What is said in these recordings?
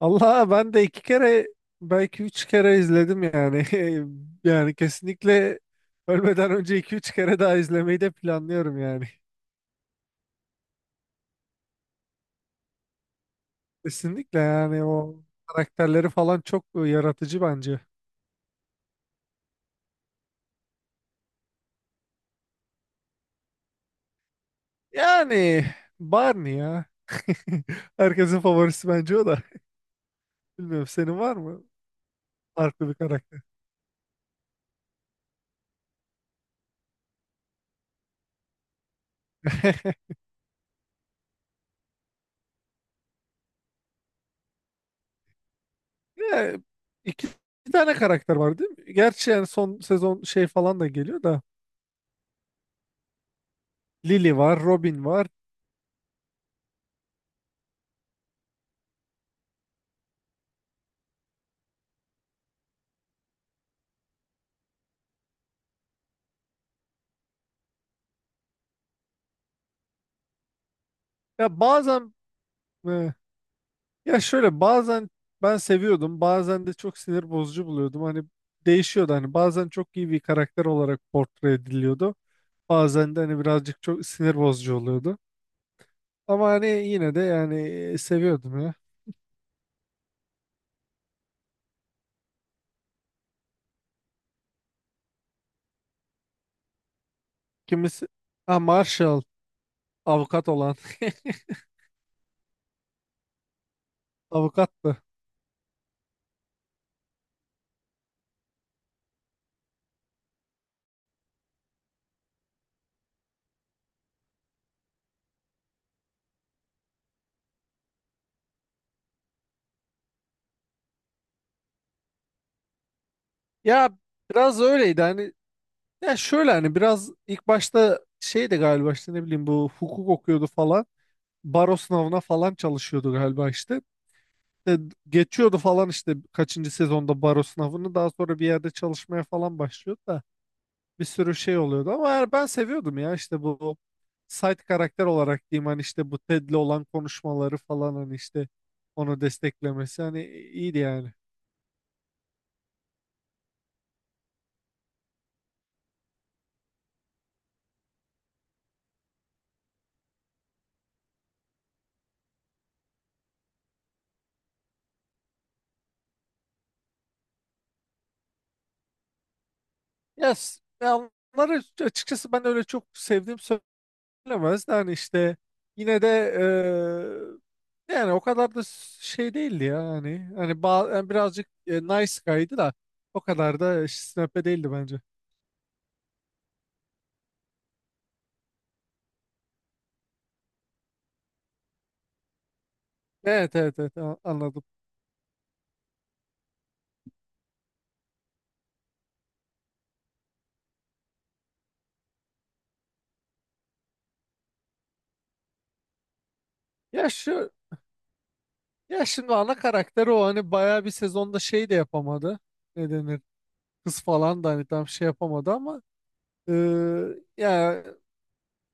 Allah ben de iki kere belki üç kere izledim yani. Yani kesinlikle ölmeden önce iki üç kere daha izlemeyi de planlıyorum yani. Kesinlikle yani o karakterleri falan çok yaratıcı bence. Yani Barney ya. Herkesin favorisi bence o da. Bilmiyorum senin var mı farklı bir karakter? Ya, iki iki tane karakter var değil mi? Gerçi yani son sezon şey falan da geliyor da. Lily var, Robin var. Ya bazen e, ya şöyle bazen ben seviyordum, bazen de çok sinir bozucu buluyordum. Hani değişiyordu, hani bazen çok iyi bir karakter olarak portre ediliyordu. Bazen de hani birazcık çok sinir bozucu oluyordu. Ama hani yine de yani seviyordum ya. Kimisi, ha, Marshall, avukat olan. Avukattı. Ya biraz öyleydi hani, ya şöyle hani biraz ilk başta şeydi galiba, işte ne bileyim, bu hukuk okuyordu falan. Baro sınavına falan çalışıyordu galiba işte. De geçiyordu falan işte kaçıncı sezonda baro sınavını, daha sonra bir yerde çalışmaya falan başlıyordu da bir sürü şey oluyordu, ama yani ben seviyordum ya, işte bu side karakter olarak diyeyim, hani işte bu Ted'le olan konuşmaları falan, hani işte onu desteklemesi, hani iyiydi yani. Yes. Ya onları açıkçası ben öyle çok sevdiğim bilemez. Yani işte yine de yani o kadar da şey değildi ya, hani hani ba- yani birazcık nice guy'dı da o kadar da snepe değildi bence. Evet evet evet, a- anladım. Ya şu, ya şimdi ana karakteri o, hani bayağı bir sezonda şey de yapamadı. Ne denir? Kız falan da hani tam şey yapamadı ama ya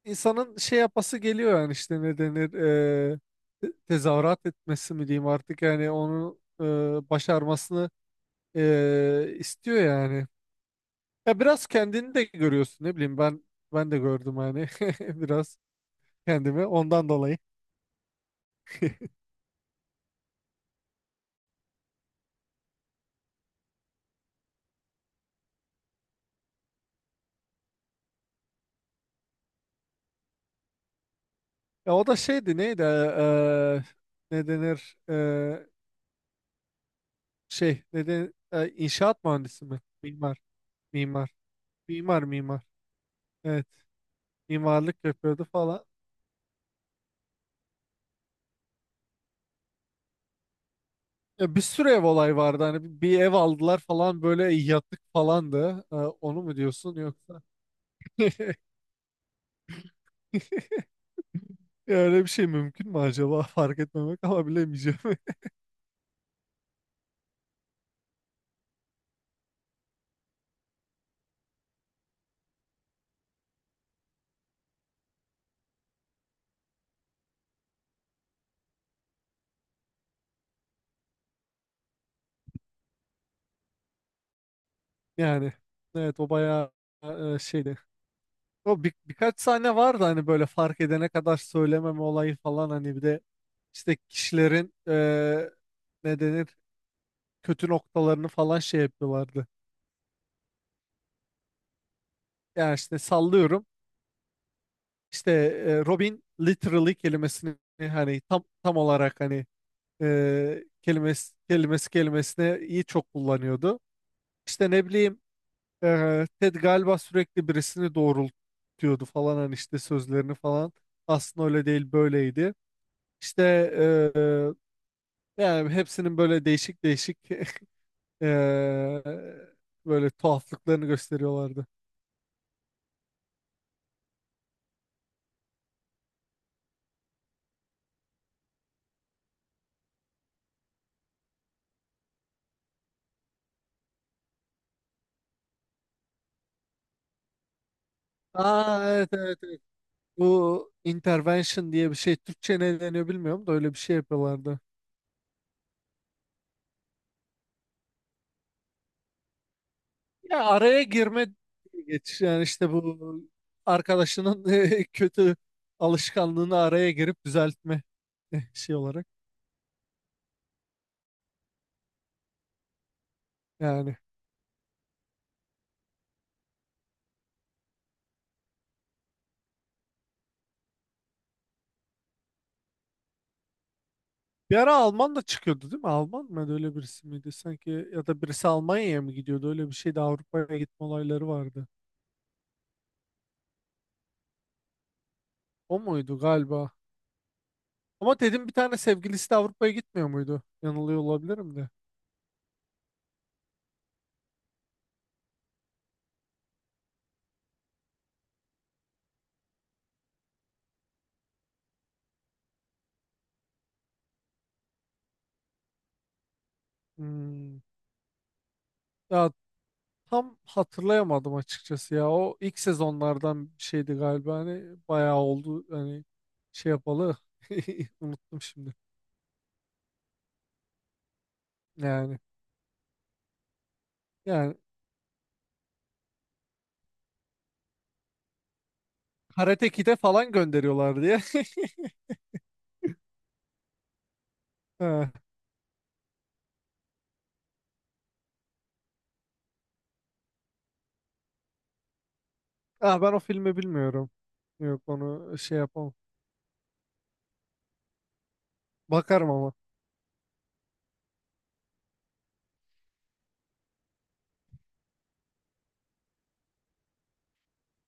insanın şey yapası geliyor yani, işte ne denir, te- tezahürat etmesi mi diyeyim artık, yani onu başarmasını istiyor yani. Ya biraz kendini de görüyorsun, ne bileyim, ben de gördüm hani biraz kendimi ondan dolayı. Ya o da şeydi, neydi, ne denir, şey, ne denir, inşaat mühendisi mi? Mimar. Mimar. Mimar mimar. Evet. Mimarlık yapıyordu falan. Ya bir sürü ev olay vardı, hani bir ev aldılar falan, böyle yatık falandı. Onu mu diyorsun yoksa? Ya öyle bir şey mümkün mü acaba? Fark etmemek, ama bilemeyeceğim. Yani evet o bayağı şeydi. O bir, birkaç sahne vardı hani, böyle fark edene kadar söylememe olayı falan, hani bir de işte kişilerin ne denir, kötü noktalarını falan şey yapıyorlardı. Yani işte sallıyorum, işte Robin literally kelimesini hani tam olarak hani, kelimesi kelimesi kelimesine iyi çok kullanıyordu. İşte ne bileyim, Ted galiba sürekli birisini doğrultuyordu falan, hani işte sözlerini falan. Aslında öyle değil, böyleydi. İşte ee, yani hepsinin böyle değişik değişik ee, böyle tuhaflıklarını gösteriyorlardı. Aa evet evet evet. Bu intervention diye bir şey Türkçe ne deniyor bilmiyorum da, öyle bir şey yapıyorlardı. Ya araya girme diye geç yani, işte bu arkadaşının kötü alışkanlığını araya girip düzeltme şey olarak yani. Bir ara Alman da çıkıyordu değil mi? Alman mı öyle birisi miydi sanki, ya da birisi Almanya'ya mı gidiyordu, öyle bir şeydi, Avrupa'ya gitme olayları vardı. O muydu galiba? Ama dedim bir tane sevgilisi de Avrupa'ya gitmiyor muydu? Yanılıyor olabilirim de. Hmm. Ya tam hatırlayamadım açıkçası ya. O ilk sezonlardan bir şeydi galiba. Hani bayağı oldu. Hani şey yapalı. Unuttum şimdi. Yani yani Karate Kid'e falan gönderiyorlar diye. Ha. Ah, ben o filmi bilmiyorum. Yok onu şey yapamam. Bakarım ama.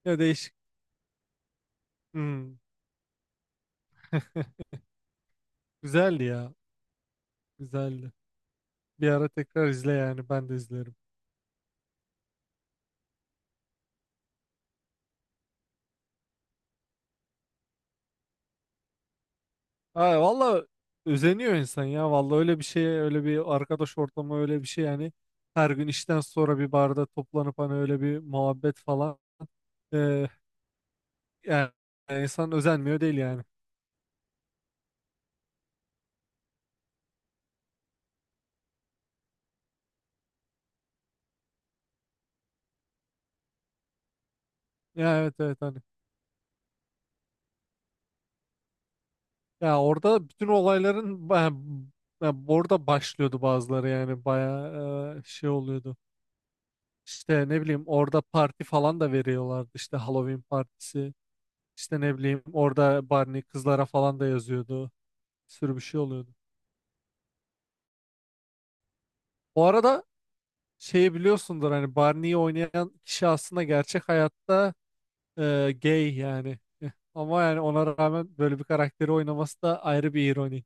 Ya değişik. Hmm. Güzeldi ya. Güzeldi. Bir ara tekrar izle yani. Ben de izlerim. Ay valla özeniyor insan ya. Valla öyle bir şey, öyle bir arkadaş ortamı, öyle bir şey yani. Her gün işten sonra bir barda toplanıp hani öyle bir muhabbet falan. Ee, yani insan özenmiyor değil yani. Ya evet evet hani. Ya orada bütün olayların ba- ya orada başlıyordu bazıları, yani bayağı şey oluyordu. İşte ne bileyim, orada parti falan da veriyorlardı, işte Halloween partisi. İşte ne bileyim, orada Barney kızlara falan da yazıyordu. Bir sürü bir şey oluyordu. Bu arada şeyi biliyorsundur, hani Barney'i oynayan kişi aslında gerçek hayatta gay yani. Ama yani ona rağmen böyle bir karakteri oynaması da ayrı bir ironi.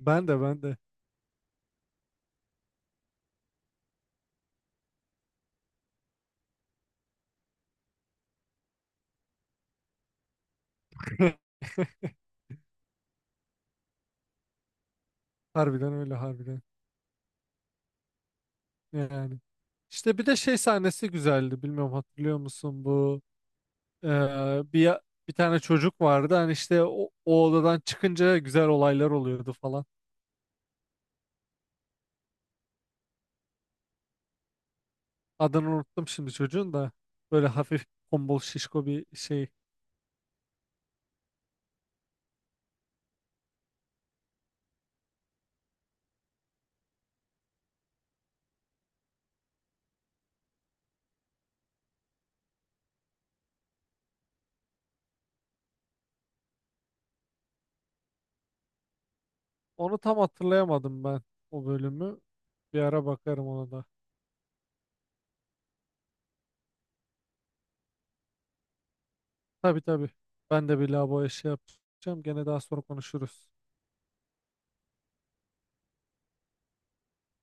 Ben de, ben de. Harbiden öyle, harbiden. Yani. İşte bir de şey sahnesi güzeldi. Bilmiyorum hatırlıyor musun, bu e, bir bir tane çocuk vardı. Hani işte o, o odadan çıkınca güzel olaylar oluyordu falan. Adını unuttum şimdi çocuğun da. Böyle hafif tombul şişko bir şey. Onu tam hatırlayamadım ben, o bölümü. Bir ara bakarım ona da. Tabii tabii. Ben de bir lavaboya şey yapacağım. Gene daha sonra konuşuruz.